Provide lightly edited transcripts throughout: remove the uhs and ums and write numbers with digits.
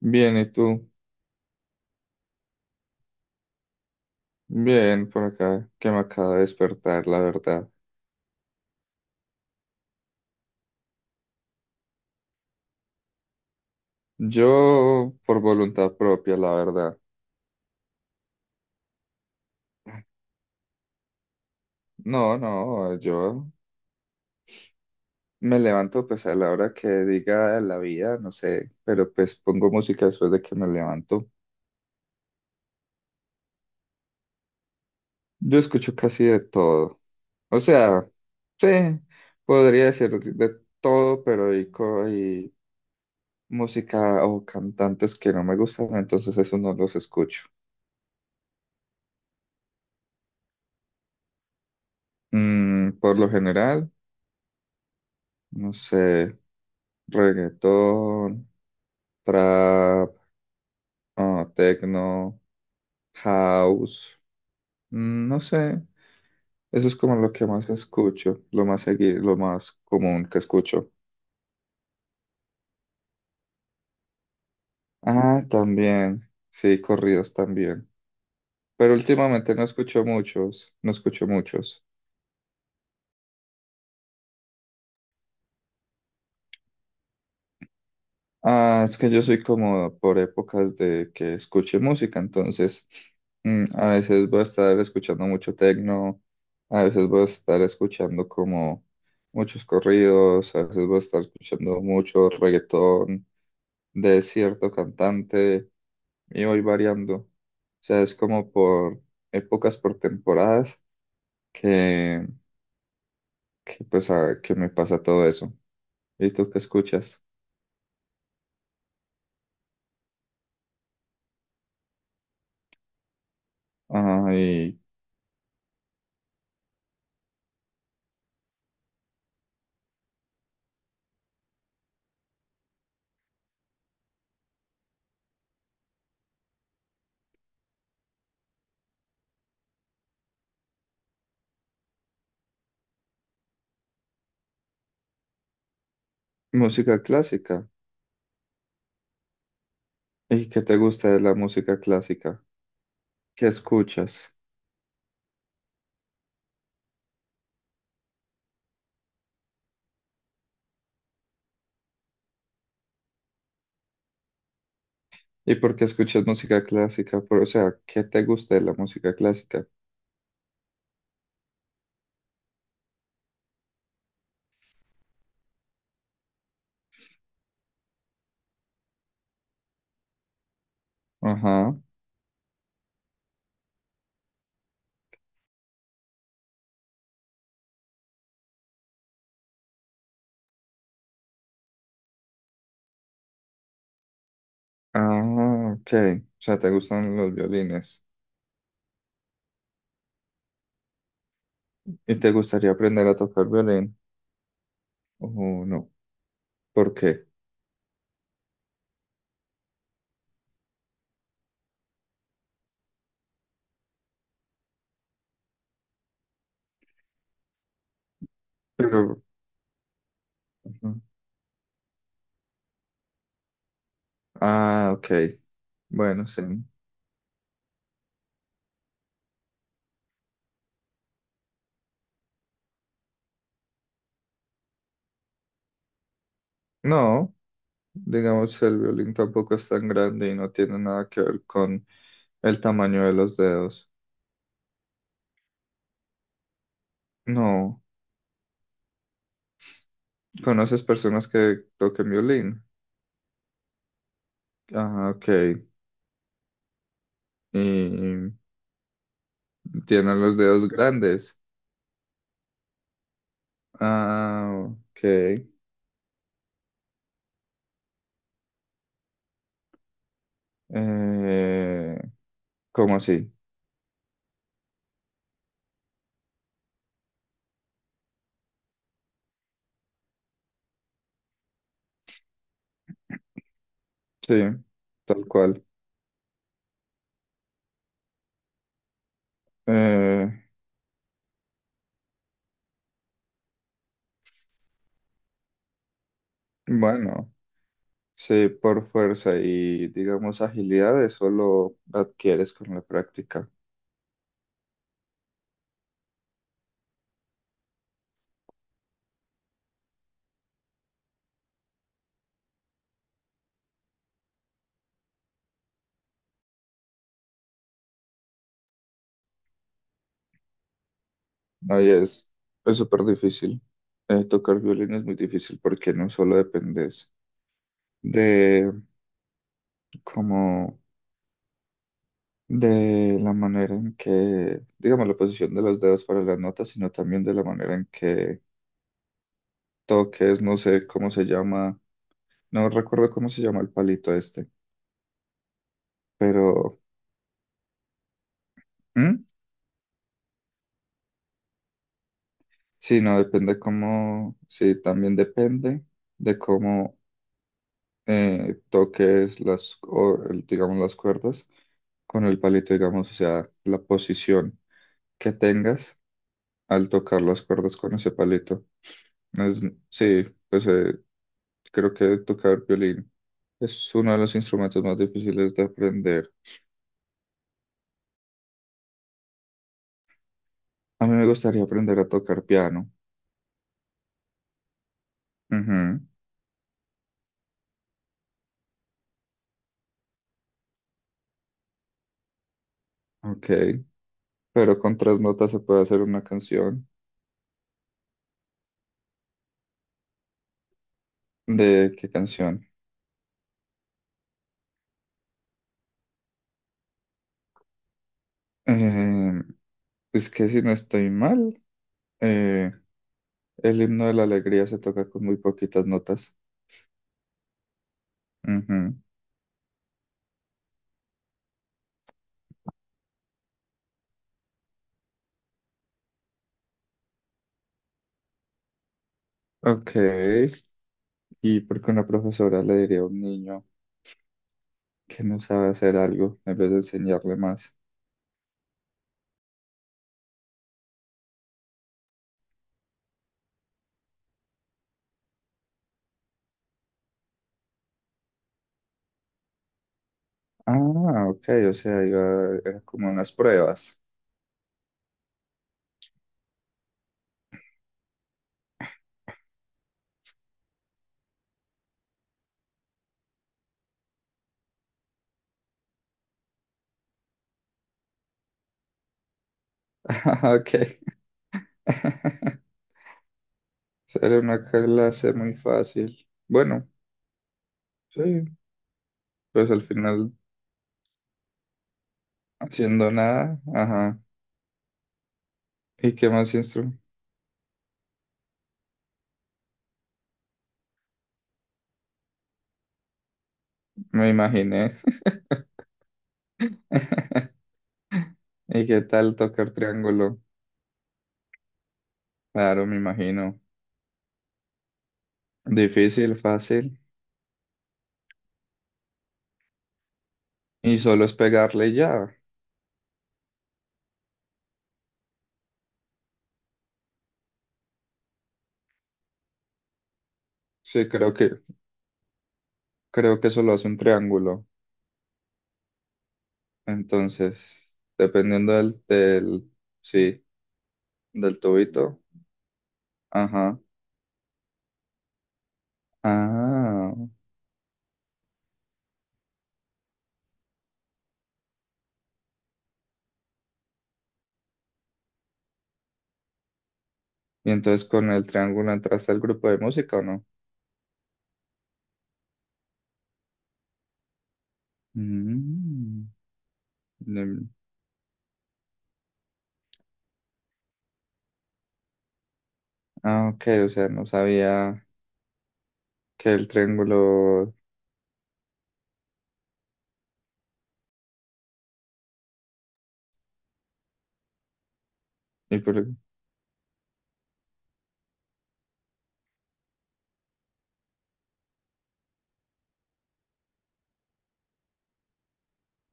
Bien, ¿y tú? Bien, por acá, que me acaba de despertar, la verdad. Yo, por voluntad propia, la verdad. No, no. Yo me levanto pues a la hora que diga la vida, no sé, pero pues pongo música después de que me levanto. Yo escucho casi de todo. O sea, sí, podría decir de todo, pero hay música o cantantes que no me gustan, entonces eso no los escucho. Por lo general, no sé. Reggaetón, trap, techno, house, no sé, eso es como lo que más escucho, lo más seguido, lo más común que escucho. Ah, también, sí, corridos también, pero últimamente no escucho muchos. Ah, es que yo soy como por épocas de que escuche música, entonces a veces voy a estar escuchando mucho tecno, a veces voy a estar escuchando como muchos corridos, a veces voy a estar escuchando mucho reggaetón de cierto cantante y voy variando. O sea, es como por épocas, por temporadas que, que pues que me pasa todo eso. ¿Y tú qué escuchas? Ah, y música clásica. ¿Y qué te gusta de la música clásica? ¿Qué escuchas? ¿Y por qué escuchas música clásica? Por- o sea, ¿qué te gusta de la música clásica? Ajá. Ah, ok. O sea, te gustan los violines. ¿Y te gustaría aprender a tocar violín? Oh, no. ¿Por qué? Pero, ujú. Ah, ok. Bueno, sí. No, digamos, el violín tampoco es tan grande y no tiene nada que ver con el tamaño de los dedos. No. ¿Conoces personas que toquen violín? Ah, ok. Y tiene los dedos grandes. Ah, ok. Eh, ¿Cómo así? Sí, tal cual. Eh, bueno, sí, por fuerza y digamos agilidad, eso lo adquieres con la práctica. Ahí es súper difícil. Tocar violín es muy difícil porque no solo dependes de cómo de la manera en que, digamos, la posición de los dedos para las notas, sino también de la manera en que toques, no sé cómo se llama, no recuerdo cómo se llama el palito este, pero ¿Mm? Sí, no, depende cómo, sí, también depende de cómo toques las, o, el- digamos, las cuerdas con el palito, digamos, o sea, la posición que tengas al tocar las cuerdas con ese palito. Es- sí, pues creo que tocar violín es uno de los instrumentos más difíciles de aprender. A mí me gustaría aprender a tocar piano. Ujú. Ok, pero con tres notas se puede hacer una canción. ¿De qué canción? Eh, es que si no estoy mal, eh, el himno de la alegría se toca con muy poquitas notas. Ujú. Ok, ¿y por qué una profesora le diría a un niño que no sabe hacer algo en vez de enseñarle más? Ah, ok, o sea, iba, era como unas pruebas. Ah, ok. Era una clase muy fácil. Bueno, sí, pues al final haciendo nada, ajá. ¿Y qué más instrumento me imaginé. ¿Y qué tal tocar triángulo? Claro, me imagino. Difícil, fácil. Y solo es pegarle y ya. Sí, creo que solo hace un triángulo. Entonces, dependiendo del, sí, del tubito. Ajá. Ah. Y entonces con el triángulo entraste al grupo de música, ¿o no? Mm. Mm. Ah, ok, o sea, no sabía que el triángulo... ¿Y, por-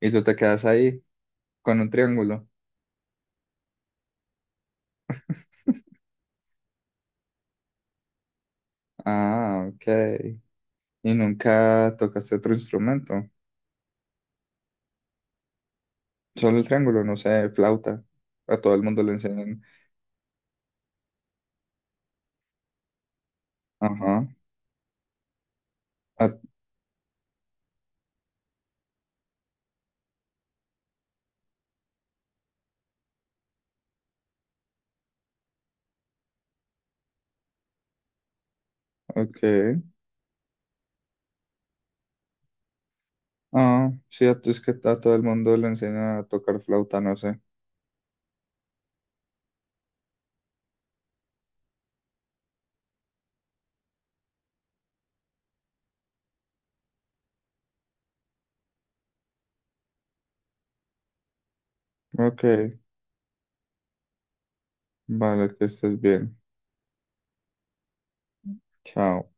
y tú te quedas ahí con un triángulo? Ah, ok. ¿Y nunca tocaste otro instrumento? Solo el triángulo, no sé, flauta. A todo el mundo le enseñan. Ajá. A- ok. Ah, sí, a, es que a todo el mundo le enseñan a tocar flauta, no sé. Ok, vale, que estés bien. Chao.